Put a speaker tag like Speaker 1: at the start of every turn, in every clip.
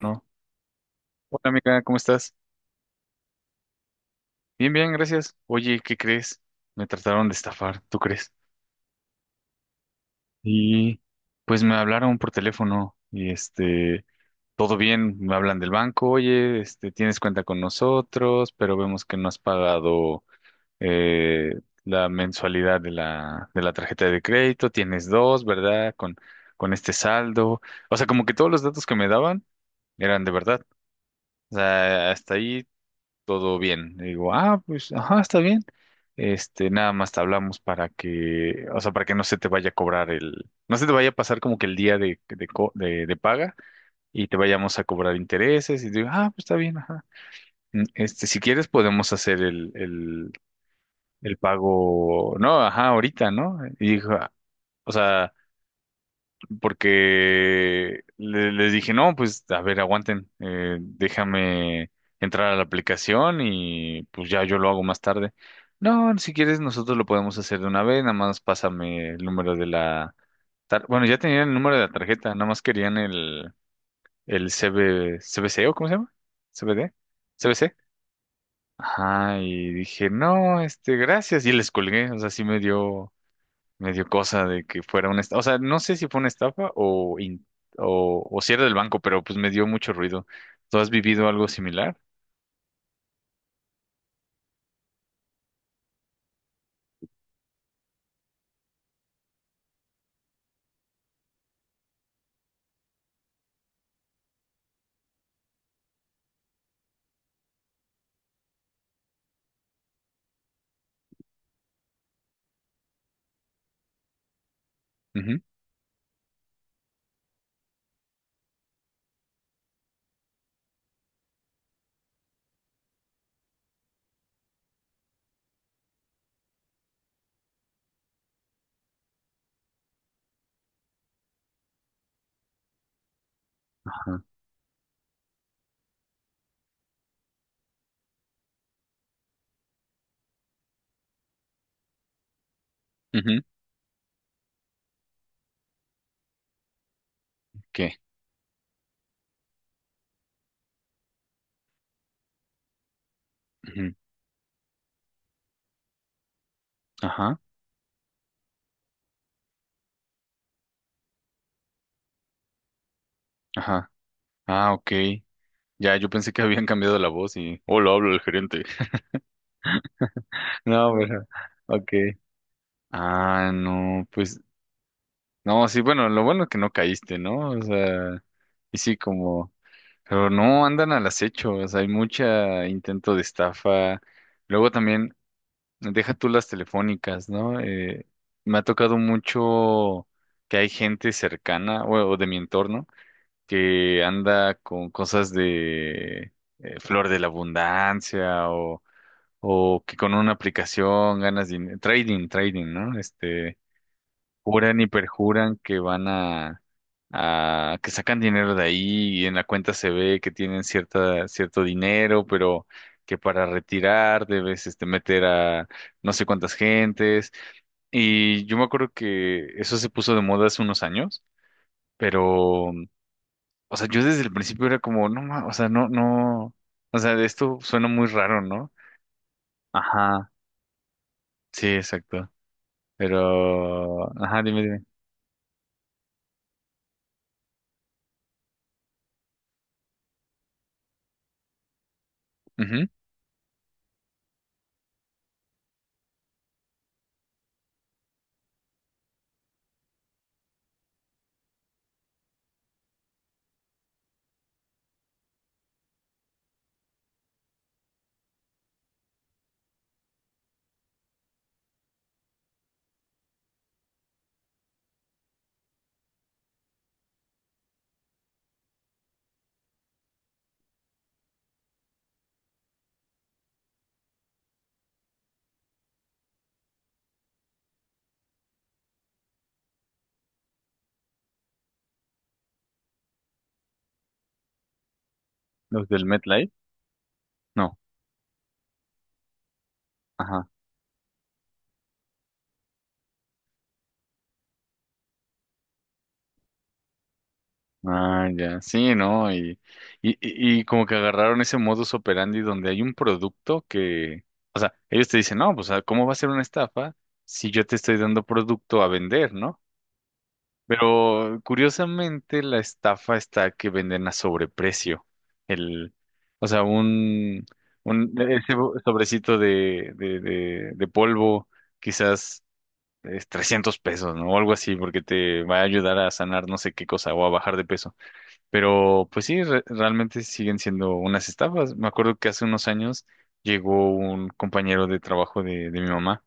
Speaker 1: No. Hola amiga, ¿cómo estás? Bien, bien, gracias. Oye, ¿qué crees? Me trataron de estafar, ¿tú crees? Y pues me hablaron por teléfono y este, todo bien, me hablan del banco, oye, este, tienes cuenta con nosotros, pero vemos que no has pagado eh, la mensualidad de de la tarjeta de crédito, tienes dos, ¿verdad? Con este saldo. O sea, como que todos los datos que me daban eran de verdad. O sea, hasta ahí todo bien. Le digo, ah, pues, ajá, está bien. Este, nada más te hablamos para que, o sea, para que no se te vaya a cobrar el, no se te vaya a pasar como que el día de paga y te vayamos a cobrar intereses. Y digo, ah, pues está bien, ajá. Este, si quieres podemos hacer el pago, no, ajá, ahorita, ¿no? Y dijo, ah, o sea, porque les dije, no, pues a ver, aguanten, déjame entrar a la aplicación y pues ya yo lo hago más tarde. No, si quieres nosotros lo podemos hacer de una vez, nada más pásame el número de la... Bueno, ya tenían el número de la tarjeta, nada más querían el CB, CBC o ¿cómo se llama? CBD, CBC. Ajá, y dije, no, este, gracias, y les colgué, o sea, sí me dio cosa de que fuera una estafa. O sea, no sé si fue una estafa o si era del banco, pero pues me dio mucho ruido. ¿Tú has vivido algo similar? Ujú. Ajá. Ujú. ¿Qué? Ujú. Ajá, ajá. Ah, ok. Ya, yo pensé que habían cambiado la voz y... Hola, hablo el gerente. No, pero... Ok. Ah, no, pues... No, sí, bueno, lo bueno es que no caíste, ¿no? O sea, y sí, como... Pero no, andan al acecho, o sea, hay mucha intento de estafa. Luego también... Deja tú las telefónicas, ¿no? Me ha tocado mucho que hay gente cercana o de mi entorno que anda con cosas de flor de la abundancia o que con una aplicación ganas dinero, trading, ¿no? Este, juran y perjuran que van a que sacan dinero de ahí y en la cuenta se ve que tienen cierto dinero, pero que para retirar debes este, meter a no sé cuántas gentes. Y yo me acuerdo que eso se puso de moda hace unos años, pero, o sea, yo desde el principio era como, no, o sea, no, no, o sea, esto suena muy raro, ¿no? Ajá, sí, exacto. Pero, ajá, dime. Ujú. Los del MetLife, no, ajá. Ah, ya, sí, ¿no? Y como que agarraron ese modus operandi donde hay un producto que, o sea, ellos te dicen, no, pues, ah, ¿cómo va a ser una estafa si yo te estoy dando producto a vender, ¿no? Pero curiosamente la estafa está que venden a sobreprecio. El, o sea, un ese sobrecito de polvo, quizás es 300 pesos, ¿no? O algo así, porque te va a ayudar a sanar no sé qué cosa o a bajar de peso pero pues sí, realmente siguen siendo unas estafas. Me acuerdo que hace unos años llegó un compañero de trabajo de mi mamá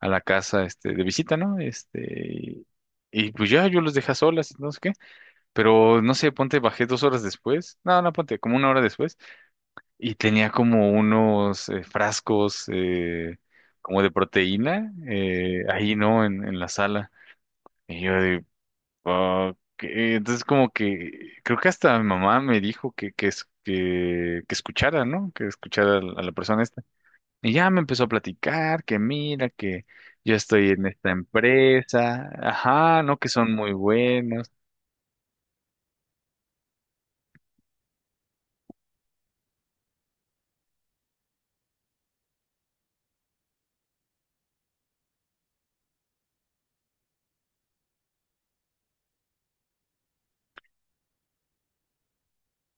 Speaker 1: a la casa, este, de visita, ¿no? Este, y, pues ya yo los dejé a solas, no sé qué. Pero no sé, ponte, bajé dos horas después. No, no, ponte, como una hora después. Y tenía como unos frascos como de proteína ahí, ¿no? En la sala. Y yo, ok, entonces como que creo que hasta mi mamá me dijo que escuchara, ¿no? Que escuchara a la persona esta. Y ya me empezó a platicar que mira, que yo estoy en esta empresa, ajá, no, que son muy buenos.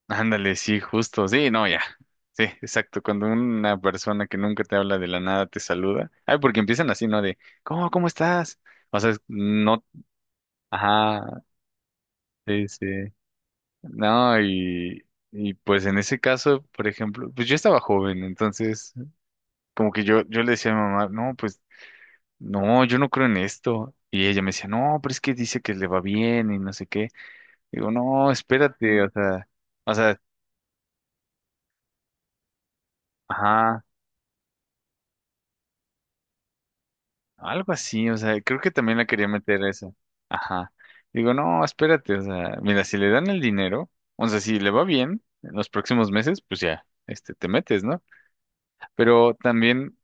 Speaker 1: Ándale, sí, justo, sí, no, ya. Sí, exacto, cuando una persona que nunca te habla de la nada te saluda. Ay, porque empiezan así, ¿no? De, ¿cómo estás? O sea, no, ajá, sí, sí. No, y pues en ese caso, por ejemplo, pues yo estaba joven, entonces como que yo le decía a mi mamá, no, pues no, yo no creo en esto. Y ella me decía, no, pero es que dice que le va bien y no sé qué. Digo, no, espérate, o sea, ajá, algo así, o sea, creo que también la quería meter a eso. Ajá. Digo, no, espérate, o sea, mira, si le dan el dinero, o sea, si le va bien en los próximos meses, pues ya, este, te metes, ¿no? Pero también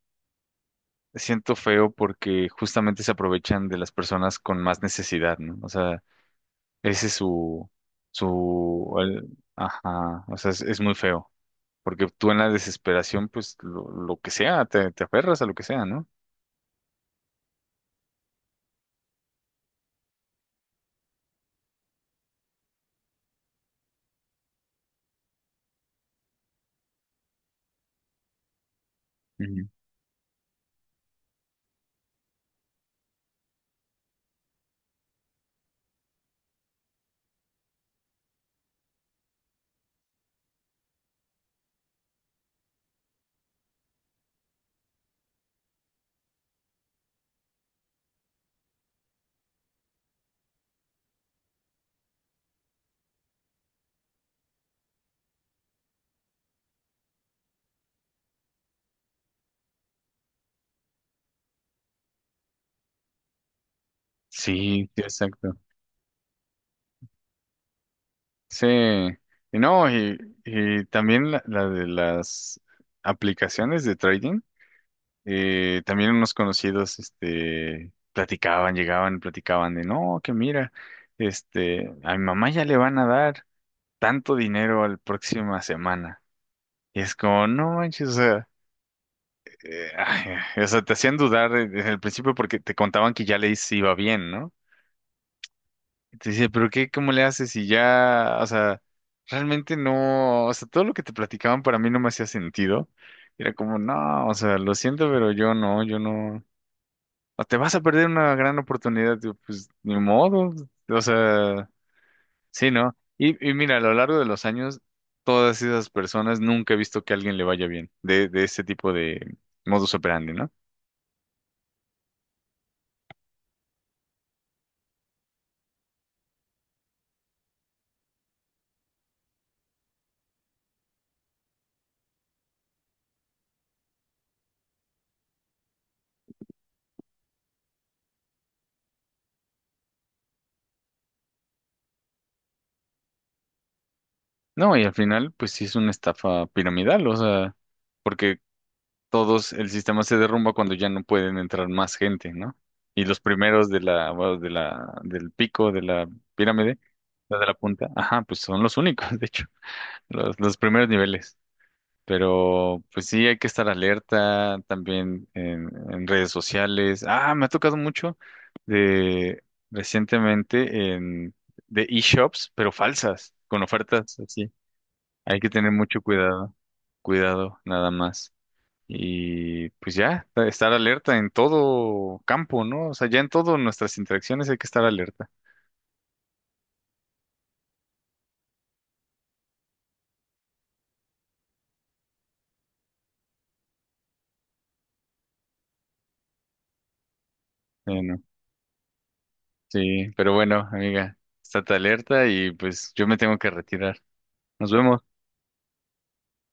Speaker 1: siento feo porque justamente se aprovechan de las personas con más necesidad, ¿no? O sea, ese es su, su, el- ajá, o sea, es muy feo, porque tú en la desesperación, pues, lo que sea, te aferras a lo que sea, ¿no? Ujú. Sí, sí, exacto. Sí, y no, y también la de las aplicaciones de trading, también unos conocidos, este, platicaban, llegaban, platicaban de, no, que mira, este, a mi mamá ya le van a dar tanto dinero la próxima semana. Y es como, no manches, o sea, ay, o sea, te hacían dudar desde el principio porque te contaban que ya iba bien, ¿no? Y te decía, pero qué, ¿cómo le haces? Y ya, o sea, realmente no, o sea, todo lo que te platicaban para mí no me hacía sentido. Era como, no, o sea, lo siento, pero yo no, yo no. O te vas a perder una gran oportunidad, digo, pues ni modo. O sea, sí, ¿no? Y mira, a lo largo de los años, todas esas personas nunca he visto que a alguien le vaya bien de ese tipo de modus operandi, ¿no? No, y al final, pues sí es una estafa piramidal, o sea, porque todos, el sistema se derrumba cuando ya no pueden entrar más gente, ¿no? Y los primeros de la, bueno, del pico de la pirámide, la de la punta, ajá, pues son los únicos, de hecho, los primeros niveles. Pero pues sí, hay que estar alerta también en redes sociales. Ah, me ha tocado mucho de recientemente en de e-shops, pero falsas, con ofertas así. Hay que tener mucho cuidado, cuidado nada más. Y pues ya, estar alerta en todo campo, ¿no? O sea, ya en todas nuestras interacciones hay que estar alerta. Bueno, sí, pero bueno, amiga, estate alerta y pues yo me tengo que retirar. Nos vemos.